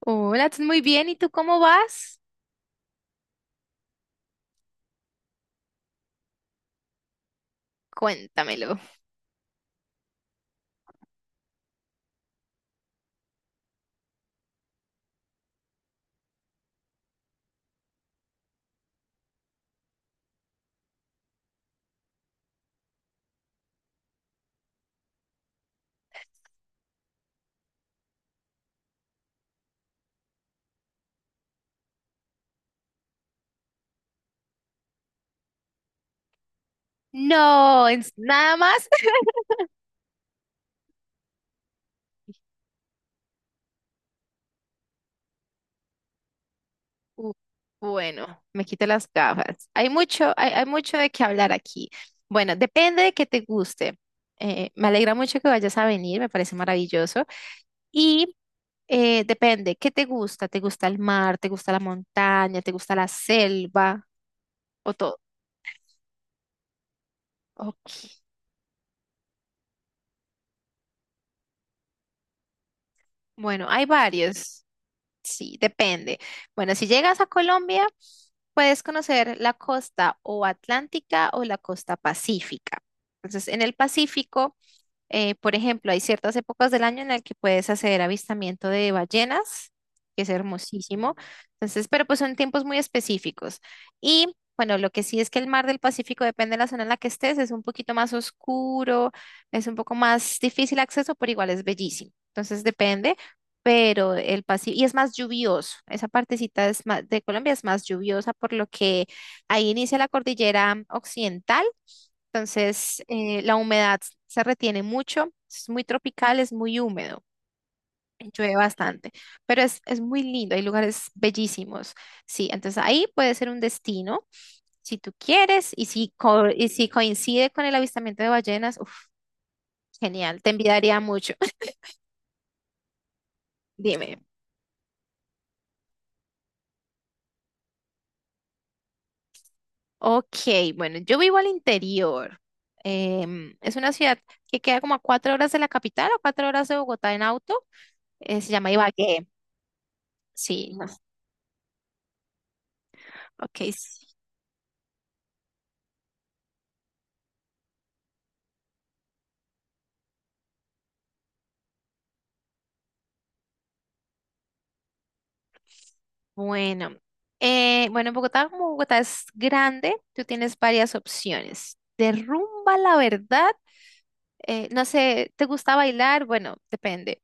Hola, estás muy bien. ¿Y tú cómo vas? Cuéntamelo. No, es nada más. Uh, bueno, me quito las gafas. Hay mucho de qué hablar aquí. Bueno, depende de qué te guste. Me alegra mucho que vayas a venir, me parece maravilloso. Y depende, ¿qué te gusta? ¿Te gusta el mar? ¿Te gusta la montaña? ¿Te gusta la selva? ¿O todo? Ok. Bueno, hay varios. Sí, depende. Bueno, si llegas a Colombia, puedes conocer la costa o atlántica o la costa pacífica. Entonces, en el Pacífico por ejemplo, hay ciertas épocas del año en las que puedes hacer avistamiento de ballenas, que es hermosísimo. Entonces, pero pues son tiempos muy específicos. Y bueno, lo que sí es que el mar del Pacífico, depende de la zona en la que estés, es un poquito más oscuro, es un poco más difícil acceso, pero igual es bellísimo. Entonces, depende, pero el Pacífico, y es más lluvioso. Esa partecita es más, de Colombia es más lluviosa, por lo que ahí inicia la cordillera occidental. Entonces, la humedad se retiene mucho, es muy tropical, es muy húmedo, llueve bastante, pero es muy lindo, hay lugares bellísimos. Sí, entonces ahí puede ser un destino si tú quieres y si coincide con el avistamiento de ballenas, uf, genial, te envidiaría mucho. Dime. Ok, bueno, yo vivo al interior. Es una ciudad que queda como a 4 horas de la capital o 4 horas de Bogotá en auto. Se llama Ibagué. Sí, no. Ok, bueno, bueno, Bogotá, como Bogotá es grande, tú tienes varias opciones. De rumba, la verdad, no sé, ¿te gusta bailar? Bueno, depende.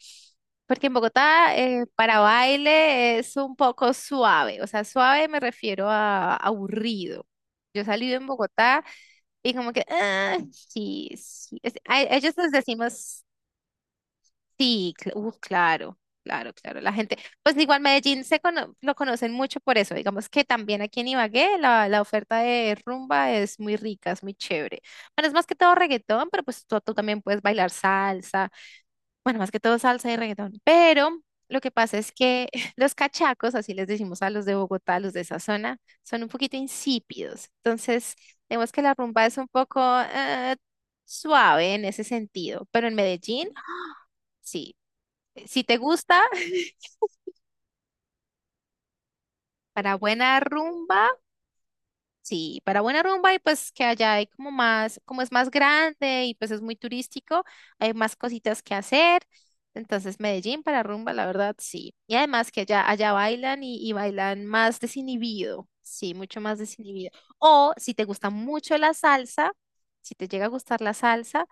Porque en Bogotá, para baile es un poco suave. O sea, suave me refiero a aburrido. Yo salí en Bogotá y como que, ah, sí, sí. Ellos les decimos sí, claro, claro, claro. La gente, pues igual Medellín lo conocen mucho por eso. Digamos que también aquí en Ibagué la oferta de rumba es muy rica, es muy chévere. Bueno, es más que todo reggaetón, pero pues tú también puedes bailar salsa. Bueno, más que todo salsa y reggaetón. Pero lo que pasa es que los cachacos, así les decimos a los de Bogotá, a los de esa zona, son un poquito insípidos. Entonces, digamos que la rumba es un poco eh, suave en ese sentido. Pero en Medellín, sí, si te gusta, para buena rumba, sí, para buena rumba y pues que allá hay como más, como es más grande y pues es muy turístico, hay más cositas que hacer. Entonces, Medellín para rumba, la verdad, sí. Y además que allá, allá bailan y bailan más desinhibido, sí, mucho más desinhibido. O si te gusta mucho la salsa, si te llega a gustar la salsa,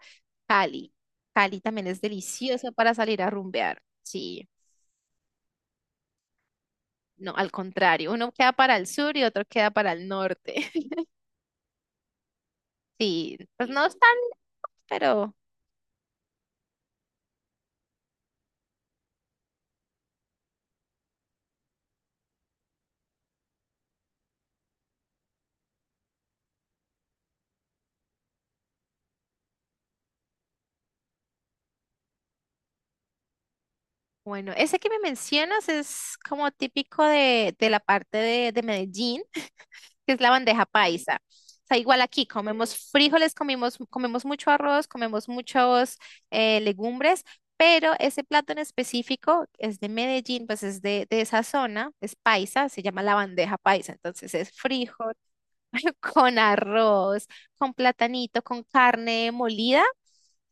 Cali. Cali también es delicioso para salir a rumbear, sí. No, al contrario, uno queda para el sur y otro queda para el norte. Sí, pues no están, pero bueno, ese que me mencionas es como típico de la parte de Medellín, que es la bandeja paisa. O sea, igual aquí comemos frijoles, comimos, comemos mucho arroz, comemos muchos legumbres, pero ese plato en específico es de Medellín, pues es de esa zona, es paisa, se llama la bandeja paisa. Entonces es frijol con arroz, con platanito, con carne molida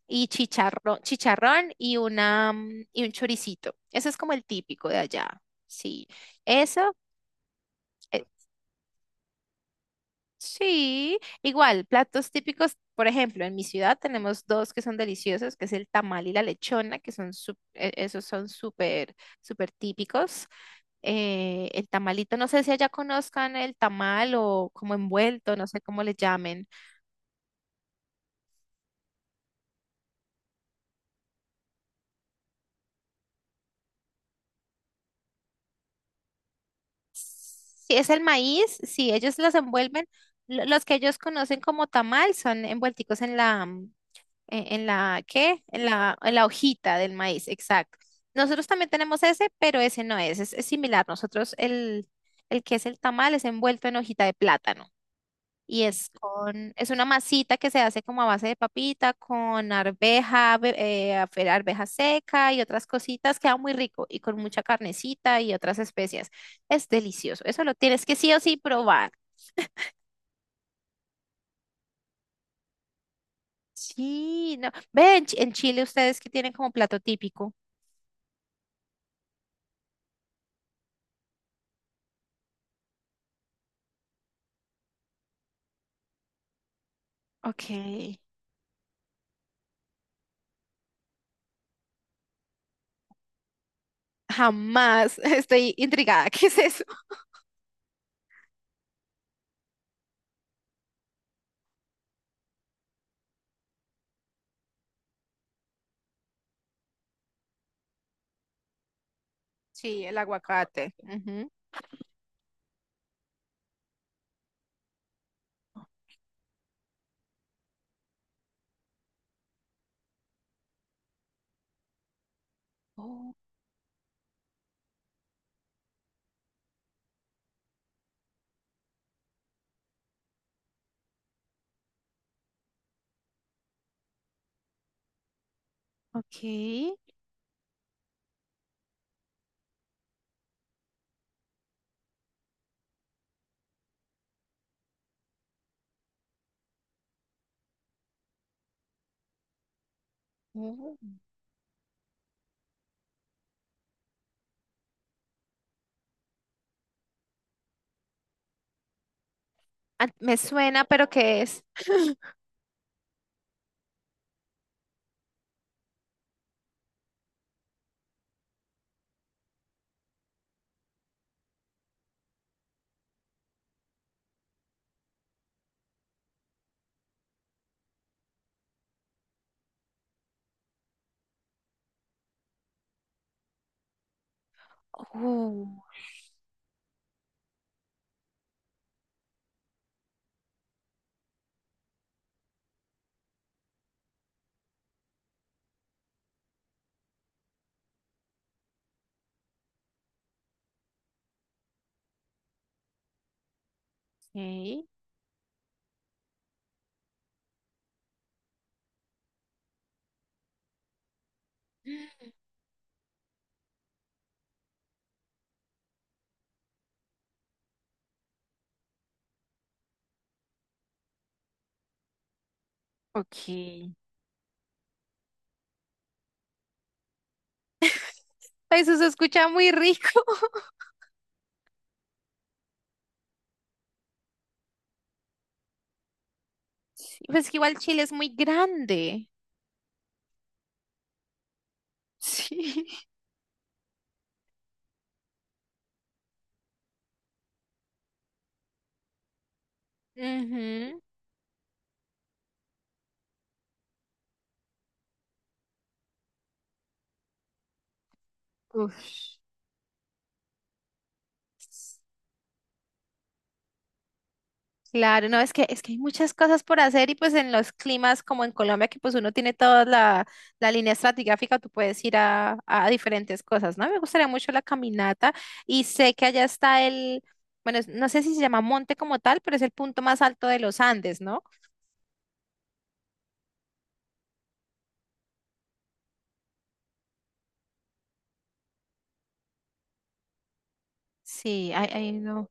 y chicharrón, chicharrón y una y un choricito. Ese es como el típico de allá. Sí. Eso, eh, sí. Igual, platos típicos, por ejemplo, en mi ciudad tenemos dos que son deliciosos, que es el tamal y la lechona, que son esos son súper súper típicos. El tamalito, no sé si allá conozcan el tamal o como envuelto, no sé cómo le llamen. Si es el maíz, si ellos los envuelven, los que ellos conocen como tamal son envuelticos en la, ¿qué? En la hojita del maíz, exacto. Nosotros también tenemos ese, pero ese no es similar. Nosotros el que es el tamal es envuelto en hojita de plátano. Y es con, es una masita que se hace como a base de papita, con arveja, arveja seca y otras cositas. Queda muy rico y con mucha carnecita y otras especias. Es delicioso. Eso lo tienes que sí o sí probar. Sí, no. Ven, en Chile ustedes que tienen como plato típico. Ok. Jamás. Estoy intrigada. ¿Qué es eso? Sí, el aguacate. Ujú. Oh, ok. Oh. Ah, me suena, pero ¿qué es? Oh, ok. Ok. Eso se escucha muy rico. Sí, pues que igual Chile es muy grande. Sí. Ujú. Uf. Claro, no, es que hay muchas cosas por hacer y pues en los climas como en Colombia que pues uno tiene toda la línea estratigráfica, tú puedes ir a diferentes cosas, ¿no? Me gustaría mucho la caminata y sé que allá está el, bueno, no sé si se llama monte como tal, pero es el punto más alto de los Andes, ¿no? Sí, ahí ahí no.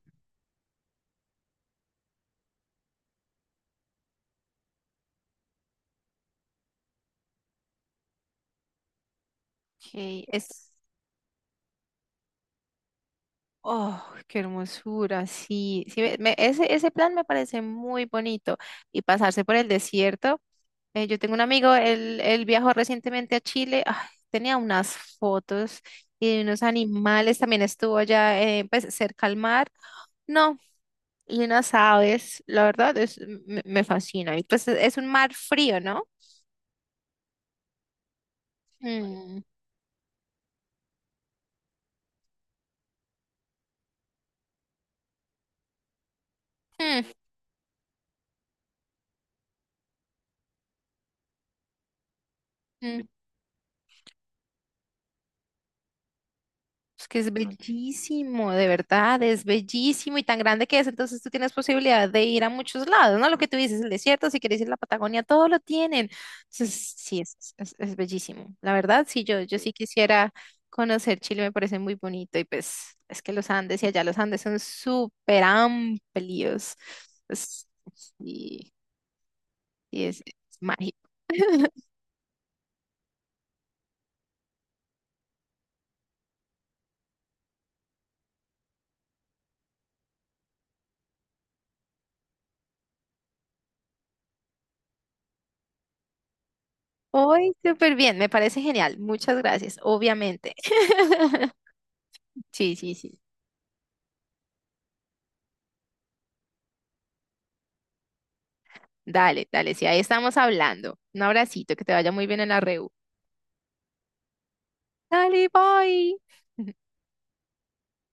Ok. Es, oh, qué hermosura, sí. Sí, ese plan me parece muy bonito. Y pasarse por el desierto. Yo tengo un amigo, él viajó recientemente a Chile. Ay, tenía unas fotos y unos animales. También estuvo allá pues, cerca al mar. No, y unas aves. La verdad, es, me fascina. Y pues es un mar frío, ¿no? Mm, mm, mm. Es que es bellísimo, de verdad, es bellísimo y tan grande que es. Entonces tú tienes posibilidad de ir a muchos lados, ¿no? Lo que tú dices, el desierto, si quieres ir a la Patagonia, todo lo tienen. Entonces, sí, es bellísimo. La verdad, sí, yo sí quisiera conocer Chile, me parece muy bonito. Y pues es que los Andes y allá los Andes son súper amplios. Es- y, y es mágico. Hoy, súper bien, me parece genial. Muchas gracias, obviamente. Sí, sí, sí. Dale, dale, si ahí estamos hablando. Un abracito, que te vaya muy bien en la reu. Dale, bye.